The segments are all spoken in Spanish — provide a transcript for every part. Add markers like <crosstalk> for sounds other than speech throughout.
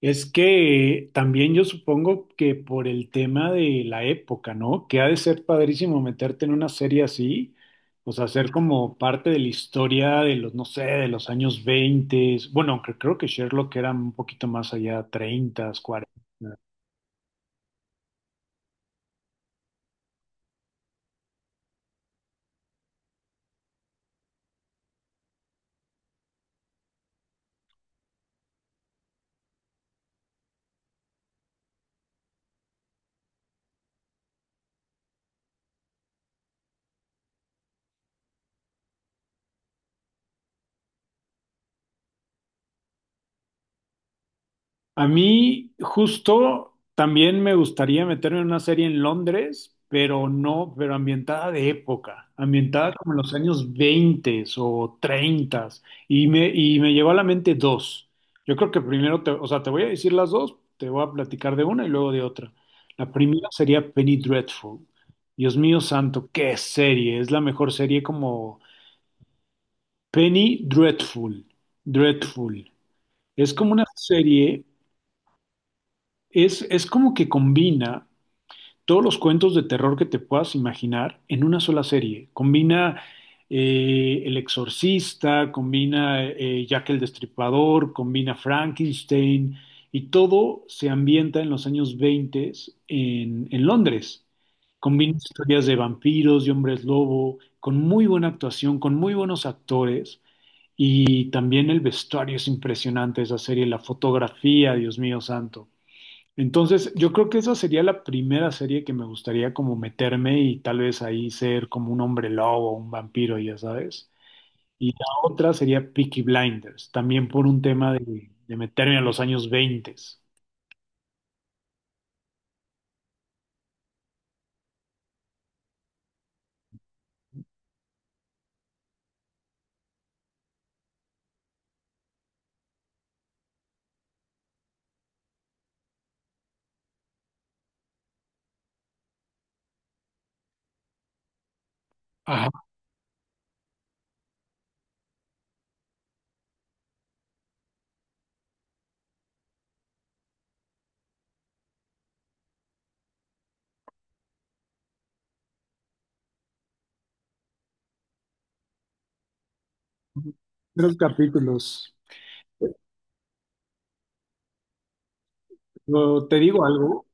Es que también yo supongo que por el tema de la época, ¿no? Que ha de ser padrísimo meterte en una serie así, o sea, ser como parte de la historia de los, no sé, de los años 20. Bueno, aunque creo que Sherlock era un poquito más allá, 30. A mí justo también me gustaría meterme en una serie en Londres, pero no, pero ambientada de época, ambientada como en los años 20 o 30. Y me llegó a la mente dos. Yo creo que primero, o sea, te voy a decir las dos, te voy a platicar de una y luego de otra. La primera sería Penny Dreadful. Dios mío santo, qué serie, es la mejor serie como Penny Dreadful. Es como una serie. Es como que combina todos los cuentos de terror que te puedas imaginar en una sola serie. Combina El Exorcista, combina Jack el Destripador, combina Frankenstein y todo se ambienta en los años 20 en Londres. Combina historias de vampiros, de hombres lobo, con muy buena actuación, con muy buenos actores. Y también el vestuario es impresionante, de esa serie, la fotografía, Dios mío santo. Entonces, yo creo que esa sería la primera serie que me gustaría como meterme y tal vez ahí ser como un hombre lobo, un vampiro, ya sabes. Y la otra sería Peaky Blinders, también por un tema de meterme a los años 20. Tres capítulos. Pero te digo algo.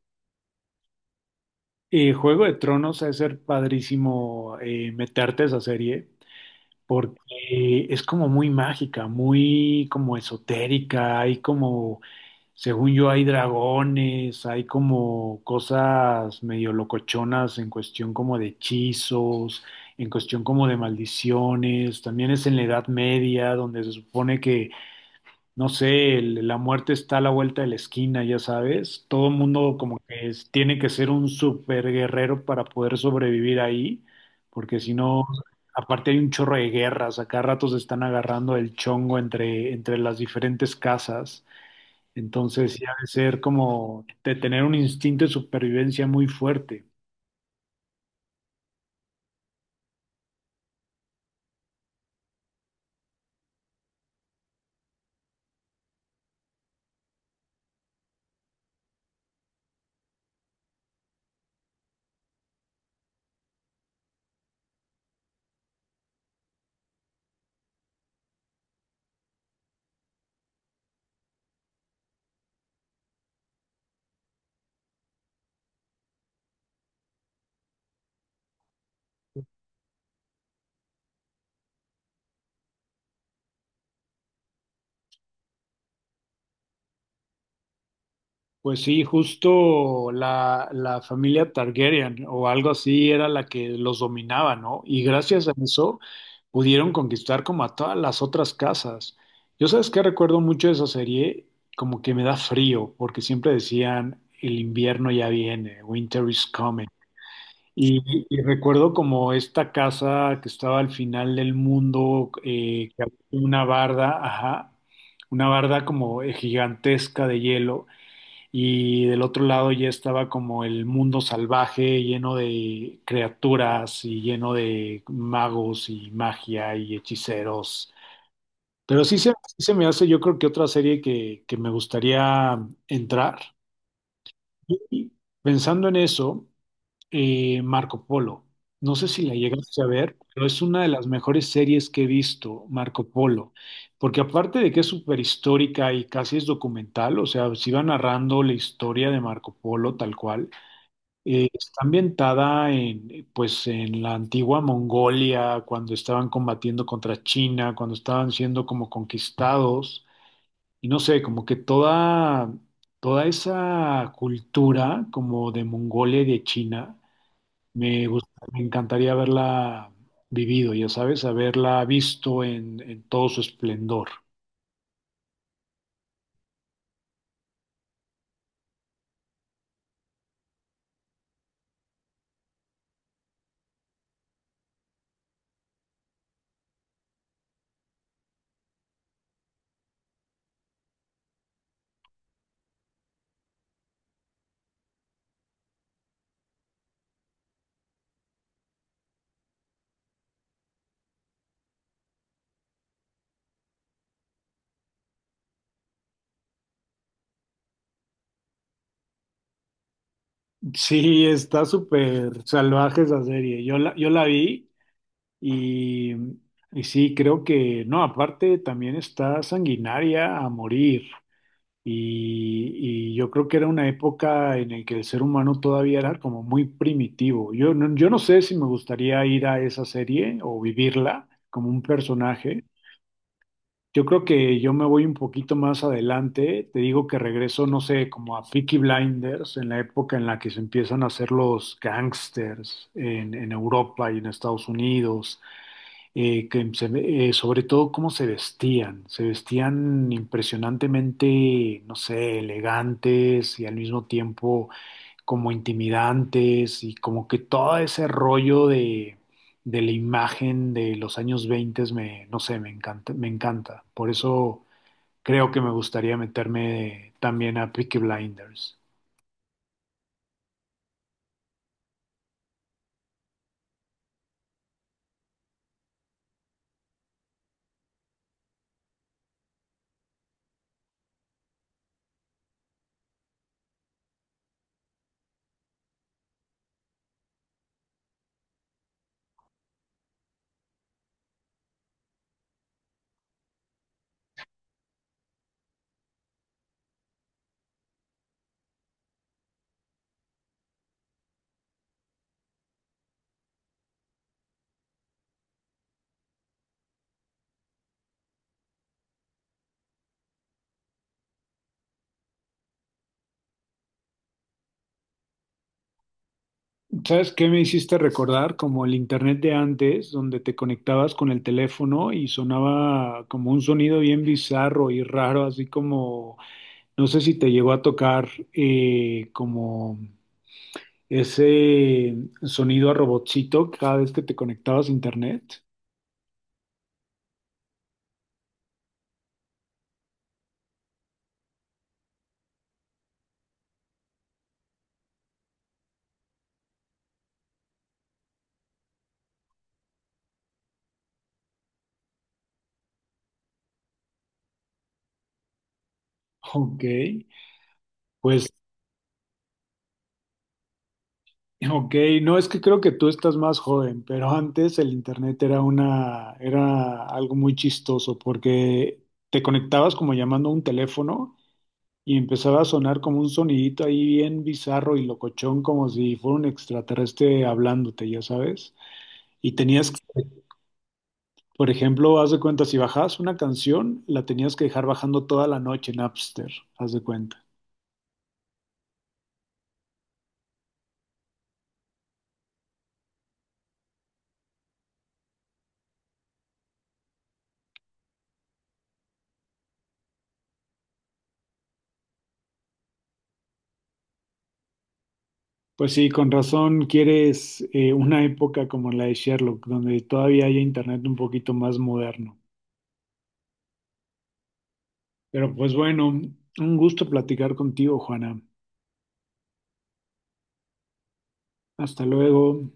Juego de Tronos ha de ser padrísimo meterte a esa serie porque es como muy mágica, muy como esotérica, hay como, según yo, hay dragones, hay como cosas medio locochonas en cuestión como de hechizos, en cuestión como de maldiciones. También es en la Edad Media, donde se supone que, no sé, la muerte está a la vuelta de la esquina, ya sabes. Todo el mundo como que tiene que ser un super guerrero para poder sobrevivir ahí, porque si no, aparte hay un chorro de guerras, acá ratos están agarrando el chongo entre las diferentes casas. Entonces, sí ha de ser como de tener un instinto de supervivencia muy fuerte. Pues sí, justo la familia Targaryen o algo así era la que los dominaba, ¿no? Y gracias a eso pudieron conquistar como a todas las otras casas. Yo sabes que recuerdo mucho de esa serie, como que me da frío, porque siempre decían, el invierno ya viene, winter is coming. Y, y recuerdo como esta casa que estaba al final del mundo, que había una barda, ajá, una barda como gigantesca de hielo, y del otro lado ya estaba como el mundo salvaje, lleno de criaturas y lleno de magos y magia y hechiceros. Pero sí se me hace, yo creo que otra serie que me gustaría entrar. Y pensando en eso, Marco Polo. No sé si la llegaste a ver, pero es una de las mejores series que he visto, Marco Polo, porque aparte de que es súper histórica y casi es documental, o sea, se iba narrando la historia de Marco Polo tal cual. Está ambientada en, pues, en la antigua Mongolia, cuando estaban combatiendo contra China, cuando estaban siendo como conquistados, y no sé, como que toda esa cultura como de Mongolia y de China me encantaría haberla vivido, ya sabes, haberla visto en, todo su esplendor. Sí, está súper salvaje esa serie. Yo la vi y, y sí, creo que, no, aparte también está sanguinaria a morir. Y yo creo que era una época en la que el ser humano todavía era como muy primitivo. Yo no, yo no sé si me gustaría ir a esa serie o vivirla como un personaje. Yo creo que yo me voy un poquito más adelante. Te digo que regreso, no sé, como a Peaky Blinders, en la época en la que se empiezan a hacer los gangsters en Europa y en Estados Unidos, sobre todo cómo se vestían. Se vestían impresionantemente, no sé, elegantes y al mismo tiempo como intimidantes y como que todo ese rollo de la imagen de los años 20 me, no sé, me encanta, me encanta. Por eso creo que me gustaría meterme también a Peaky Blinders. ¿Sabes qué me hiciste recordar? Como el internet de antes, donde te conectabas con el teléfono y sonaba como un sonido bien bizarro y raro, así como, no sé si te llegó a tocar, como ese sonido a robotcito cada vez que te conectabas a internet. Ok, pues, <clears throat> ok, no es que creo que tú estás más joven, pero antes el internet era una, era algo muy chistoso porque te conectabas como llamando a un teléfono y empezaba a sonar como un sonidito ahí bien bizarro y locochón, como si fuera un extraterrestre hablándote, ya sabes. Y tenías. Por ejemplo, haz de cuenta, si bajabas una canción, la tenías que dejar bajando toda la noche en Napster, haz de cuenta. Pues sí, con razón quieres una época como la de Sherlock, donde todavía hay internet un poquito más moderno. Pero pues bueno, un gusto platicar contigo, Juana. Hasta luego.